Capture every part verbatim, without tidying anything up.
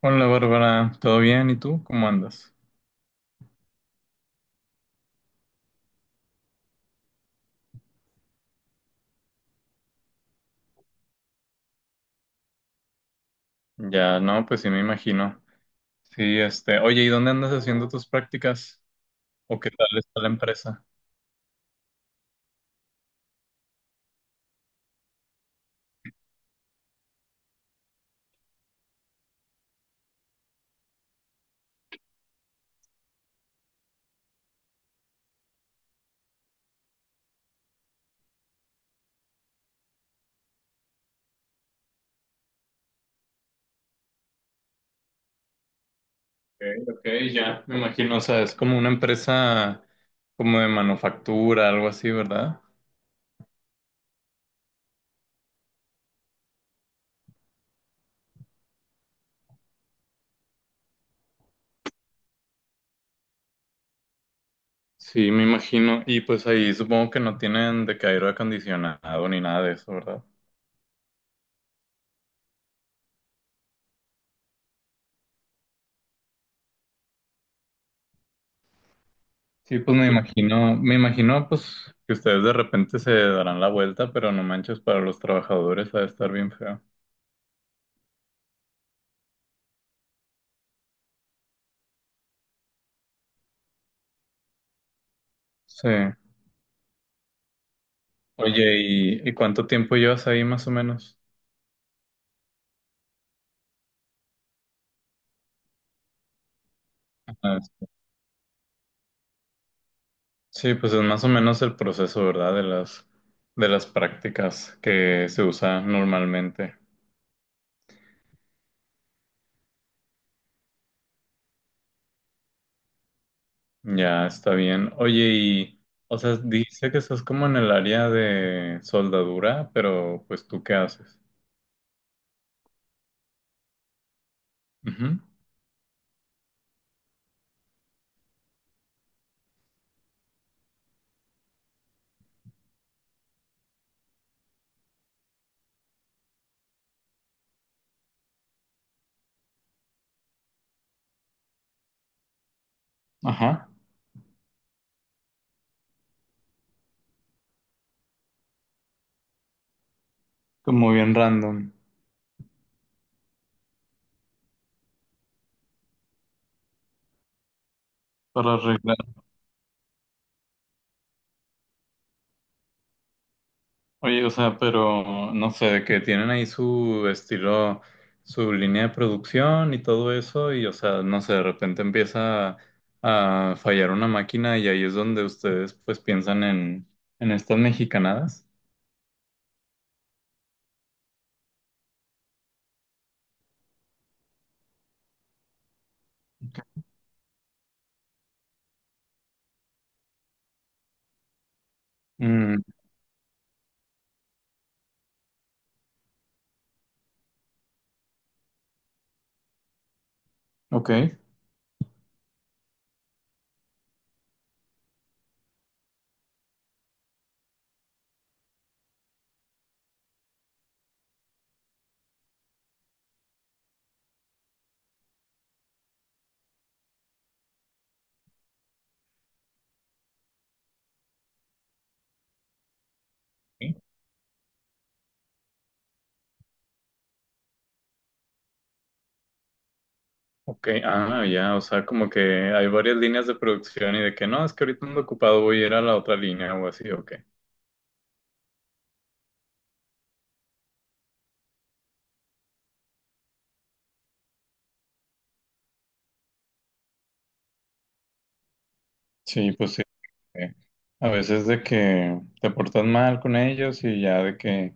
Hola Bárbara, ¿todo bien? ¿Y tú? ¿Cómo andas? Ya, no, pues sí me imagino. Sí, este, oye, ¿y dónde andas haciendo tus prácticas? ¿O qué tal está la empresa? Ok, ok, ya, me imagino, o sea, es como una empresa como de manufactura, algo así, ¿verdad? Sí, me imagino. Y pues ahí supongo que no tienen de que aire acondicionado ni nada de eso, ¿verdad? Sí, pues me imagino, me imagino pues que ustedes de repente se darán la vuelta, pero no manches, para los trabajadores ha de estar bien feo. Sí. Oye, ¿y, y cuánto tiempo llevas ahí más o menos? Ah, sí, pues es más o menos el proceso, ¿verdad? De las, de las prácticas que se usa normalmente. Ya está bien. Oye, y, o sea, dice que estás como en el área de soldadura, ¿pero pues tú qué haces? Ujú. Ajá, como bien random. Para arreglar. Oye, o sea, pero no sé, de que tienen ahí su estilo, su línea de producción y todo eso, y o sea, no sé, de repente empieza a, a fallar una máquina y ahí es donde ustedes pues piensan en, en estas mexicanadas. Mm, ok. Sí. Ok, ah, ya, o sea, como que hay varias líneas de producción y de que no, es que ahorita ando ocupado, voy a ir a la otra línea o así, ok. Sí, pues sí. eh, A veces de que te portas mal con ellos y ya de que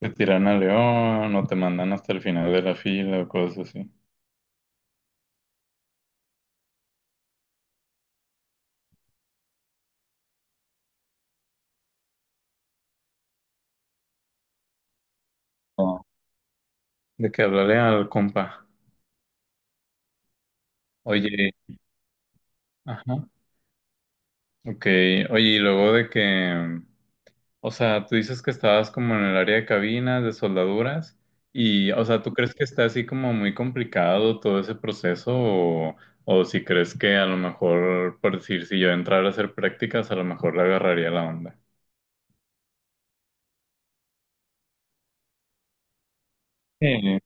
te tiran al león o te mandan hasta el final de la fila o cosas así. No, de que hablarle al compa. Oye, ajá. Ok, oye, y luego de que, o sea, tú dices que estabas como en el área de cabinas, de soldaduras, y, o sea, ¿tú crees que está así como muy complicado todo ese proceso? O, o si crees que a lo mejor, por decir, si yo entrara a hacer prácticas, a lo mejor le agarraría la onda. Sí,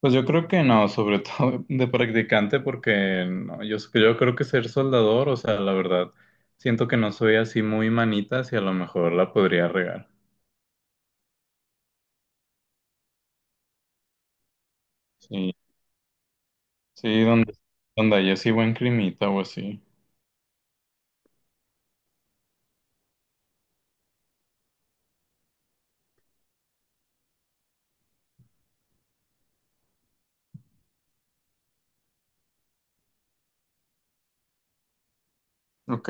pues yo creo que no, sobre todo de practicante, porque no, yo, yo creo que ser soldador, o sea, la verdad, siento que no soy así muy manitas y a lo mejor la podría regar. Sí, sí, donde, donde haya así buen climita o así. Ok.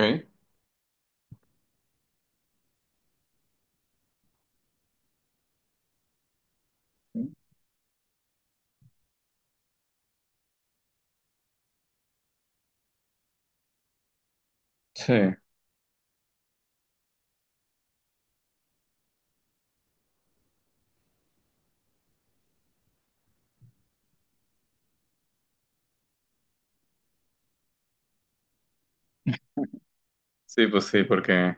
Sí, sí, pues sí, porque,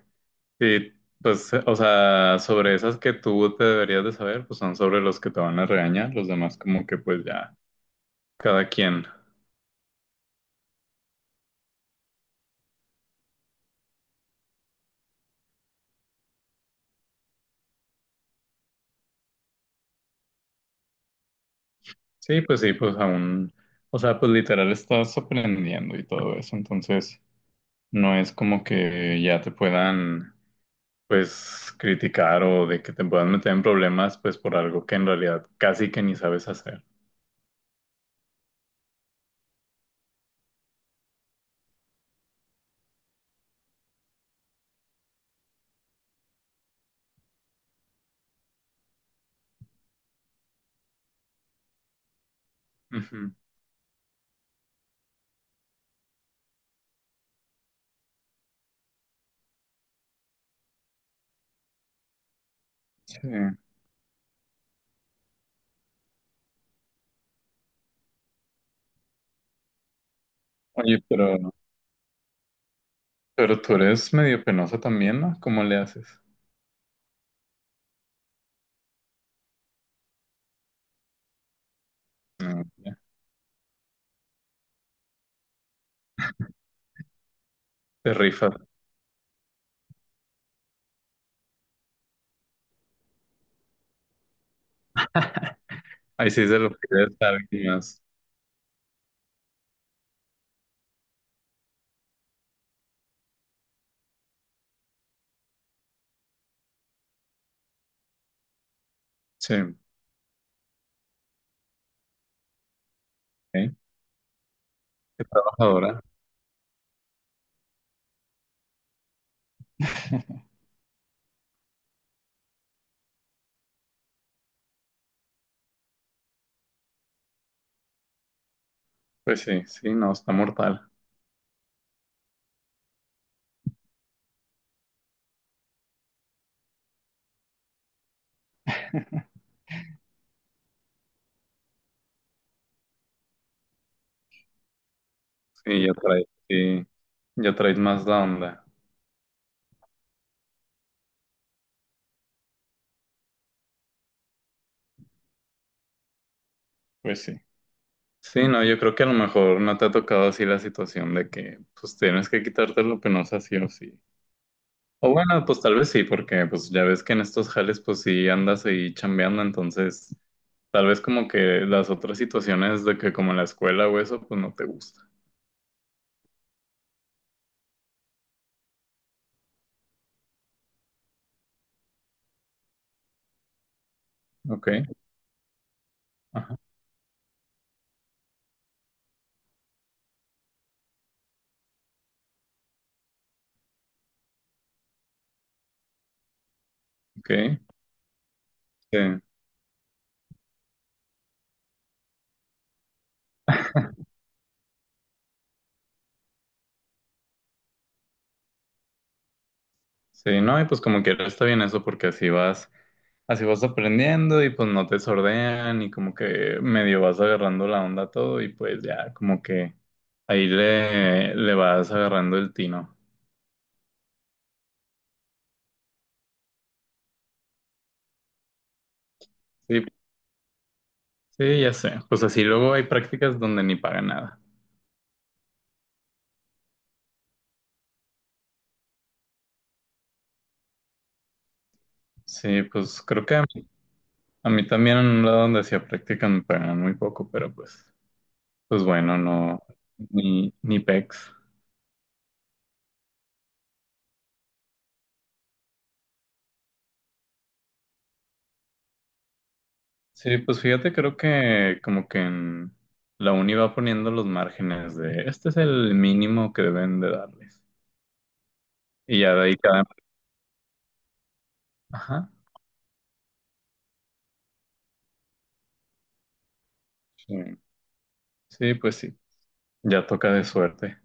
sí, pues, o sea, sobre esas que tú te deberías de saber, pues son sobre los que te van a regañar, los demás como que pues ya, cada quien. Sí, pues sí, pues aún, o sea, pues literal estás aprendiendo y todo eso, entonces no es como que ya te puedan, pues, criticar o de que te puedan meter en problemas, pues, por algo que en realidad casi que ni sabes hacer. Ujú. Sí. Oye, pero, pero tú eres medio penosa también, ¿no? ¿Cómo le haces? Ah, ya. Te rifas. Ahí sí se lo pides a alguien más. Sí, ok. Qué trabajadora. Pues sí, sí, no, está mortal. Sí, ya traes, sí, ya traes más la onda. Pues sí. Sí, no, yo creo que a lo mejor no te ha tocado así la situación de que pues tienes que quitarte lo penosa sí o sí. O bueno, pues tal vez sí, porque pues ya ves que en estos jales pues sí andas ahí chambeando, entonces tal vez como que las otras situaciones de que como en la escuela o eso pues no te gusta. Ok. Ajá. Okay, sí, sí, no, y pues como quiera está bien eso porque así vas, así vas aprendiendo y pues no te sordean y como que medio vas agarrando la onda a todo y pues ya como que ahí le, le vas agarrando el tino. Sí, sí, ya sé, pues así luego hay prácticas donde ni pagan nada. Sí, pues creo que a mí, a mí también en un lado donde hacía práctica me pagaban muy poco, pero pues, pues bueno, no, ni, ni pex. Sí, pues fíjate, creo que como que en la uni va poniendo los márgenes de este es el mínimo que deben de darles. Y ya de ahí cada... Ajá. Sí. Sí, pues sí, ya toca de suerte.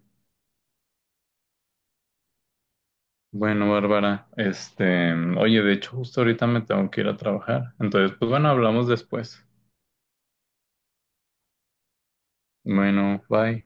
Bueno, Bárbara, este, oye, de hecho justo ahorita me tengo que ir a trabajar. Entonces, pues bueno, hablamos después. Bueno, bye.